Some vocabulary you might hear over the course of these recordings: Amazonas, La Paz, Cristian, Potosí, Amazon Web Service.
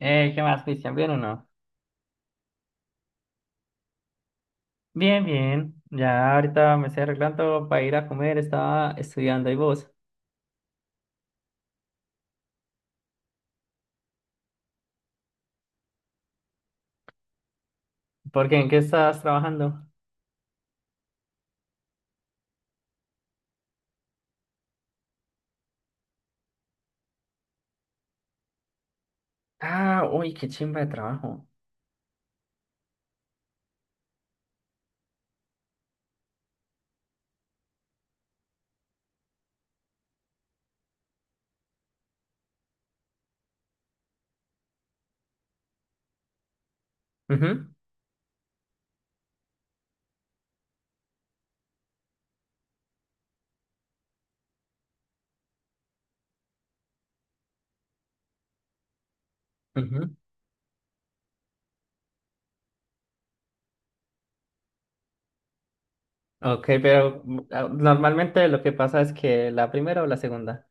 ¿Qué más, Cristian? ¿Bien o no? Bien, bien. Ya ahorita me estoy arreglando para ir a comer. Estaba estudiando. ¿Y vos? ¿Por qué? ¿En qué estás trabajando? Ah, uy, qué chimba de trabajo. Ujú, ujú. Ok, pero ah, normalmente lo que pasa es que la primera o la segunda.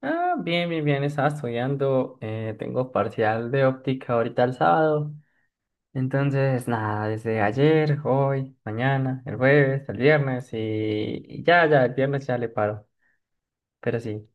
Ah, bien, bien, bien. Estaba estudiando. Tengo parcial de óptica ahorita el sábado. Entonces, nada, desde ayer, hoy, mañana, el jueves, el viernes y ya, ya, el viernes ya le paro. Pero sí.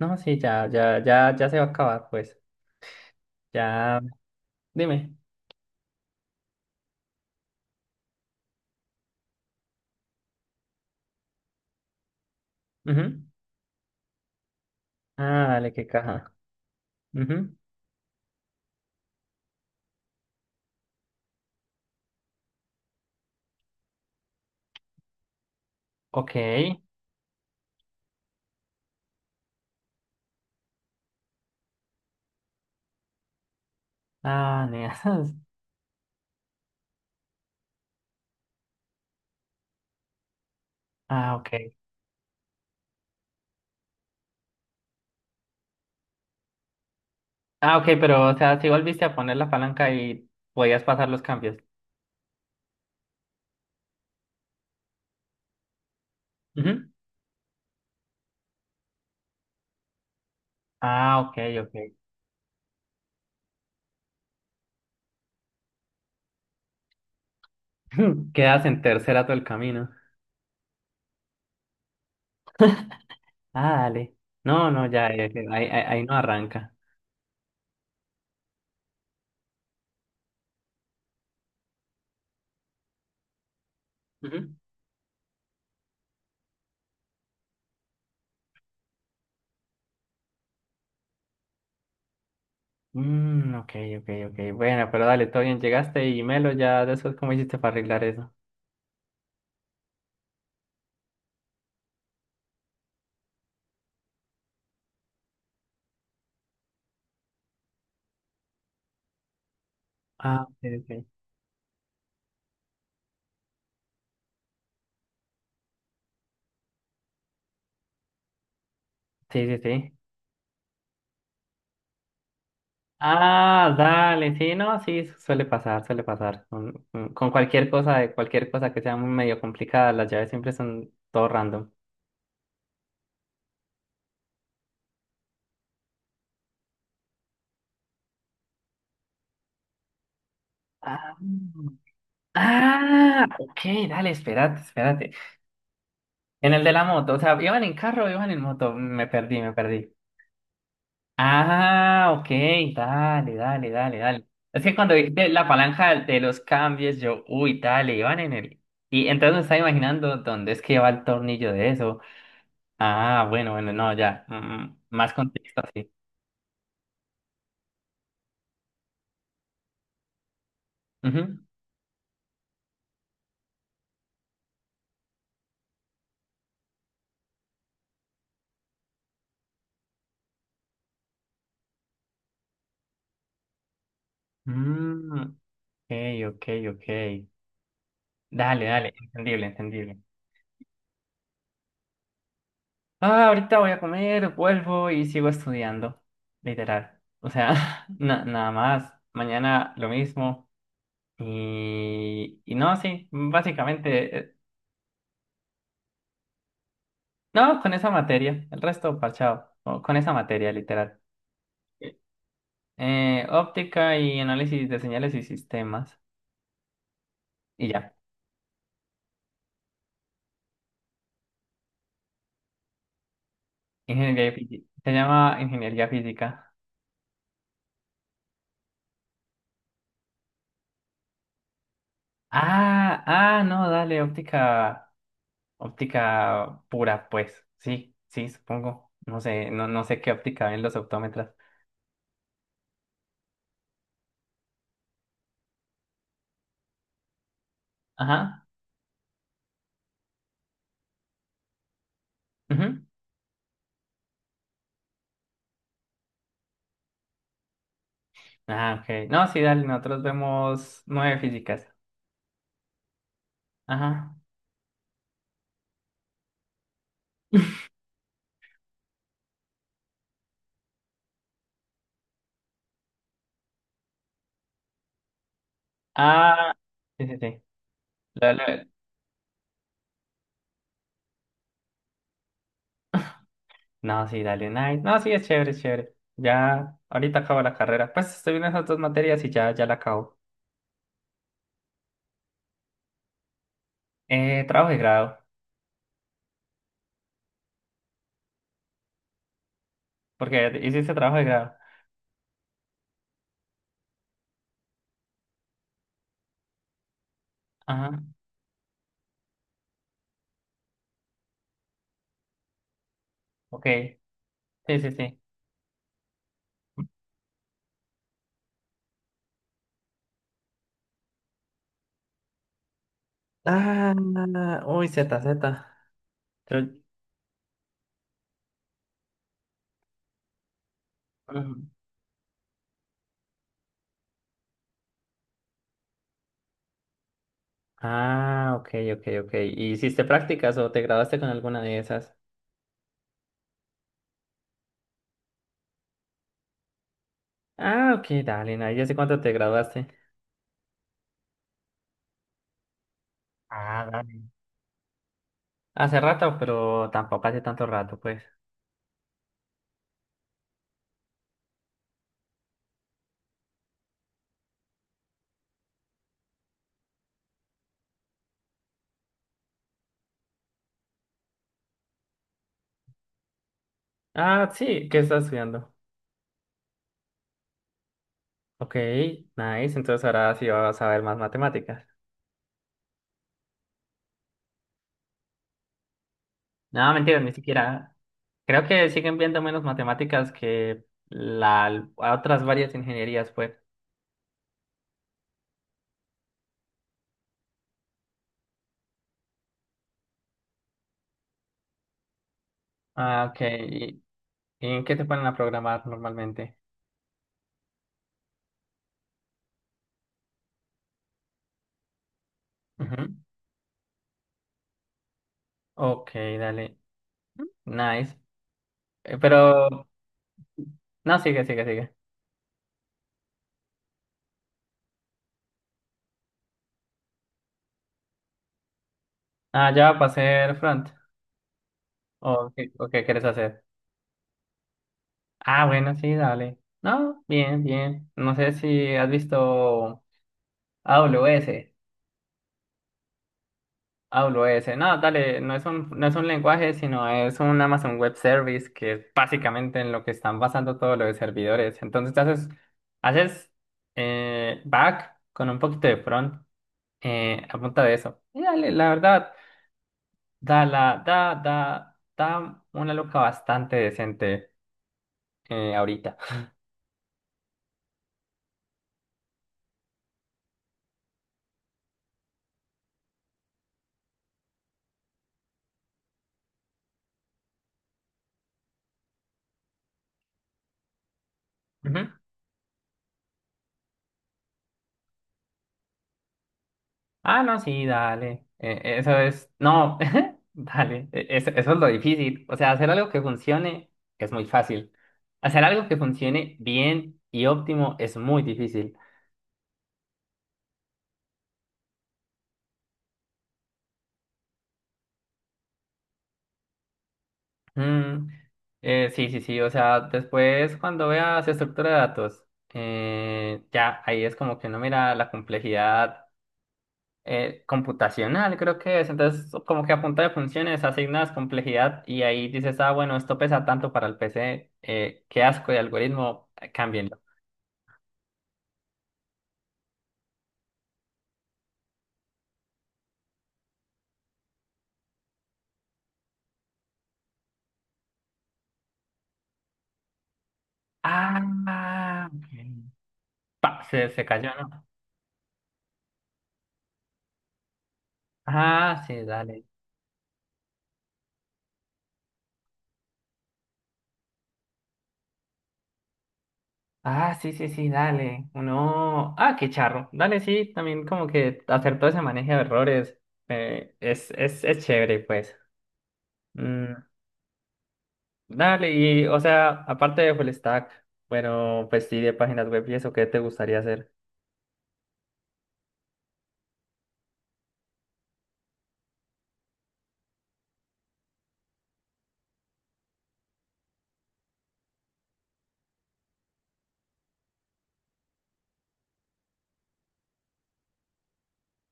No, sí, ya, ya, ya, ya se va a acabar, pues. Ya, dime. Ujú. Ah, dale, qué caja. Ujú. Ok. Ah, neas. Ah, ok. Ah, ok, pero, o sea, si volviste a poner la palanca y podías pasar los cambios. Ujú. Ah, ok, ok. Quedas en tercera todo el camino. Ah, dale. No, no, ya, ahí no arranca. Ujú. Mm, ok, ok, ok. Bueno, pero dale, todo bien. Llegaste y Melo, ya después, ¿cómo hiciste para arreglar eso? Ah, ok, ok. Sí, sí, sí. Ah, dale, sí, no, sí, suele pasar, suele pasar. Con cualquier cosa, de cualquier cosa que sea muy medio complicada, las llaves siempre son todo random. Ah, ah, ok, dale, espérate, espérate. En el de la moto, o sea, iban en carro, o iban en moto, me perdí, me perdí. Ah, ok, dale, dale, dale, dale. Es que cuando dijiste la palanca de los cambios, yo, uy, dale, iban en el... Y entonces me estaba imaginando dónde es que va el tornillo de eso. Ah, bueno, bueno, no, ya. Más contexto así. Ujú. Mm, ok, ok, ok. Dale, dale, entendible, entendible. Ah, ahorita voy a comer, vuelvo y sigo estudiando. Literal. O sea, nada más. Mañana lo mismo. Y no, sí, básicamente. No, Con esa materia. El resto, parchado. O con esa materia, literal. Óptica y análisis de señales y sistemas. Y ya. Ingeniería física. Se llama ingeniería física. Ah, ah, no, dale, óptica, óptica pura, pues. Sí, sí, supongo. No sé, no, no sé qué óptica ven los optómetras. Ajá. Ujú. Ah, ok. No, sí, dale, nosotros vemos nueve físicas. Ajá. Ah, sí, sí, sí. La- la- No, sí, dale, nice. No, sí, es chévere, es chévere. Ya, ahorita acabo la carrera. Pues estoy viendo esas dos materias y ya, ya la acabo. Trabajo de grado, porque hiciste trabajo de grado. Ajá. Ok, sí, sí, sí. Ah, uy, Z, Z. Pero- Ujú. Ah, ok, ok, ok. ¿Y hiciste prácticas o te graduaste con alguna de esas? Ah, ok, dale, na, ya sé cuánto te graduaste. Ah, dale. Hace rato, pero tampoco hace tanto rato, pues. Ah, sí, ¿qué estás estudiando? Ok, nice, entonces ahora sí vas a ver más matemáticas. No, mentira, ni siquiera. Creo que siguen viendo menos matemáticas que otras varias ingenierías, pues. Ah, ok. ¿Y en qué te ponen a programar normalmente? Ujú. Ok, dale. Nice. Pero, no, sigue, sigue, sigue. Ah, ya va a hacer front. O qué quieres hacer? Ah, bueno, sí, dale. No, bien, bien. No sé si has visto AWS. AWS. No, dale, no es un, lenguaje, sino es un Amazon Web Service, que es básicamente en lo que están basando todos los servidores. Entonces, haces back con un poquito de front. A punta de eso. Y dale, la verdad, da, la, da, da, da una loca bastante decente ahorita. Ujú. Ah, no, sí, dale. Eso es, no, dale, eso es lo difícil. O sea, hacer algo que funcione es muy fácil. Hacer algo que funcione bien y óptimo es muy difícil. Mm, sí, sí, sí, o sea, después cuando veas estructura de datos, ya ahí es como que no mira la complejidad computacional, creo que es. Entonces, como que a punta de funciones asignas complejidad y ahí dices, ah, bueno, esto pesa tanto para el PC, qué asco de algoritmo, cámbienlo. Ah, ok. Pa, se cayó, ¿no? Ah, sí, dale. Ah, sí, sí, sí, dale. Uno, ah, qué charro. Dale, sí, también como que hacer todo ese manejo de errores es chévere, pues. Mm. Dale, y o sea, aparte de full stack, bueno, pues sí, de páginas web y eso, ¿qué te gustaría hacer?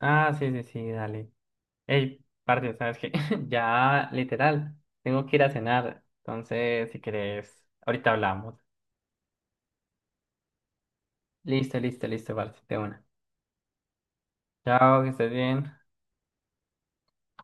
Ah, sí, sí, sí, dale. Ey, parce, ¿sabes qué? Ya, literal, tengo que ir a cenar. Entonces, si querés, ahorita hablamos. Listo, listo, listo, parce, de una. Chao, que estés bien.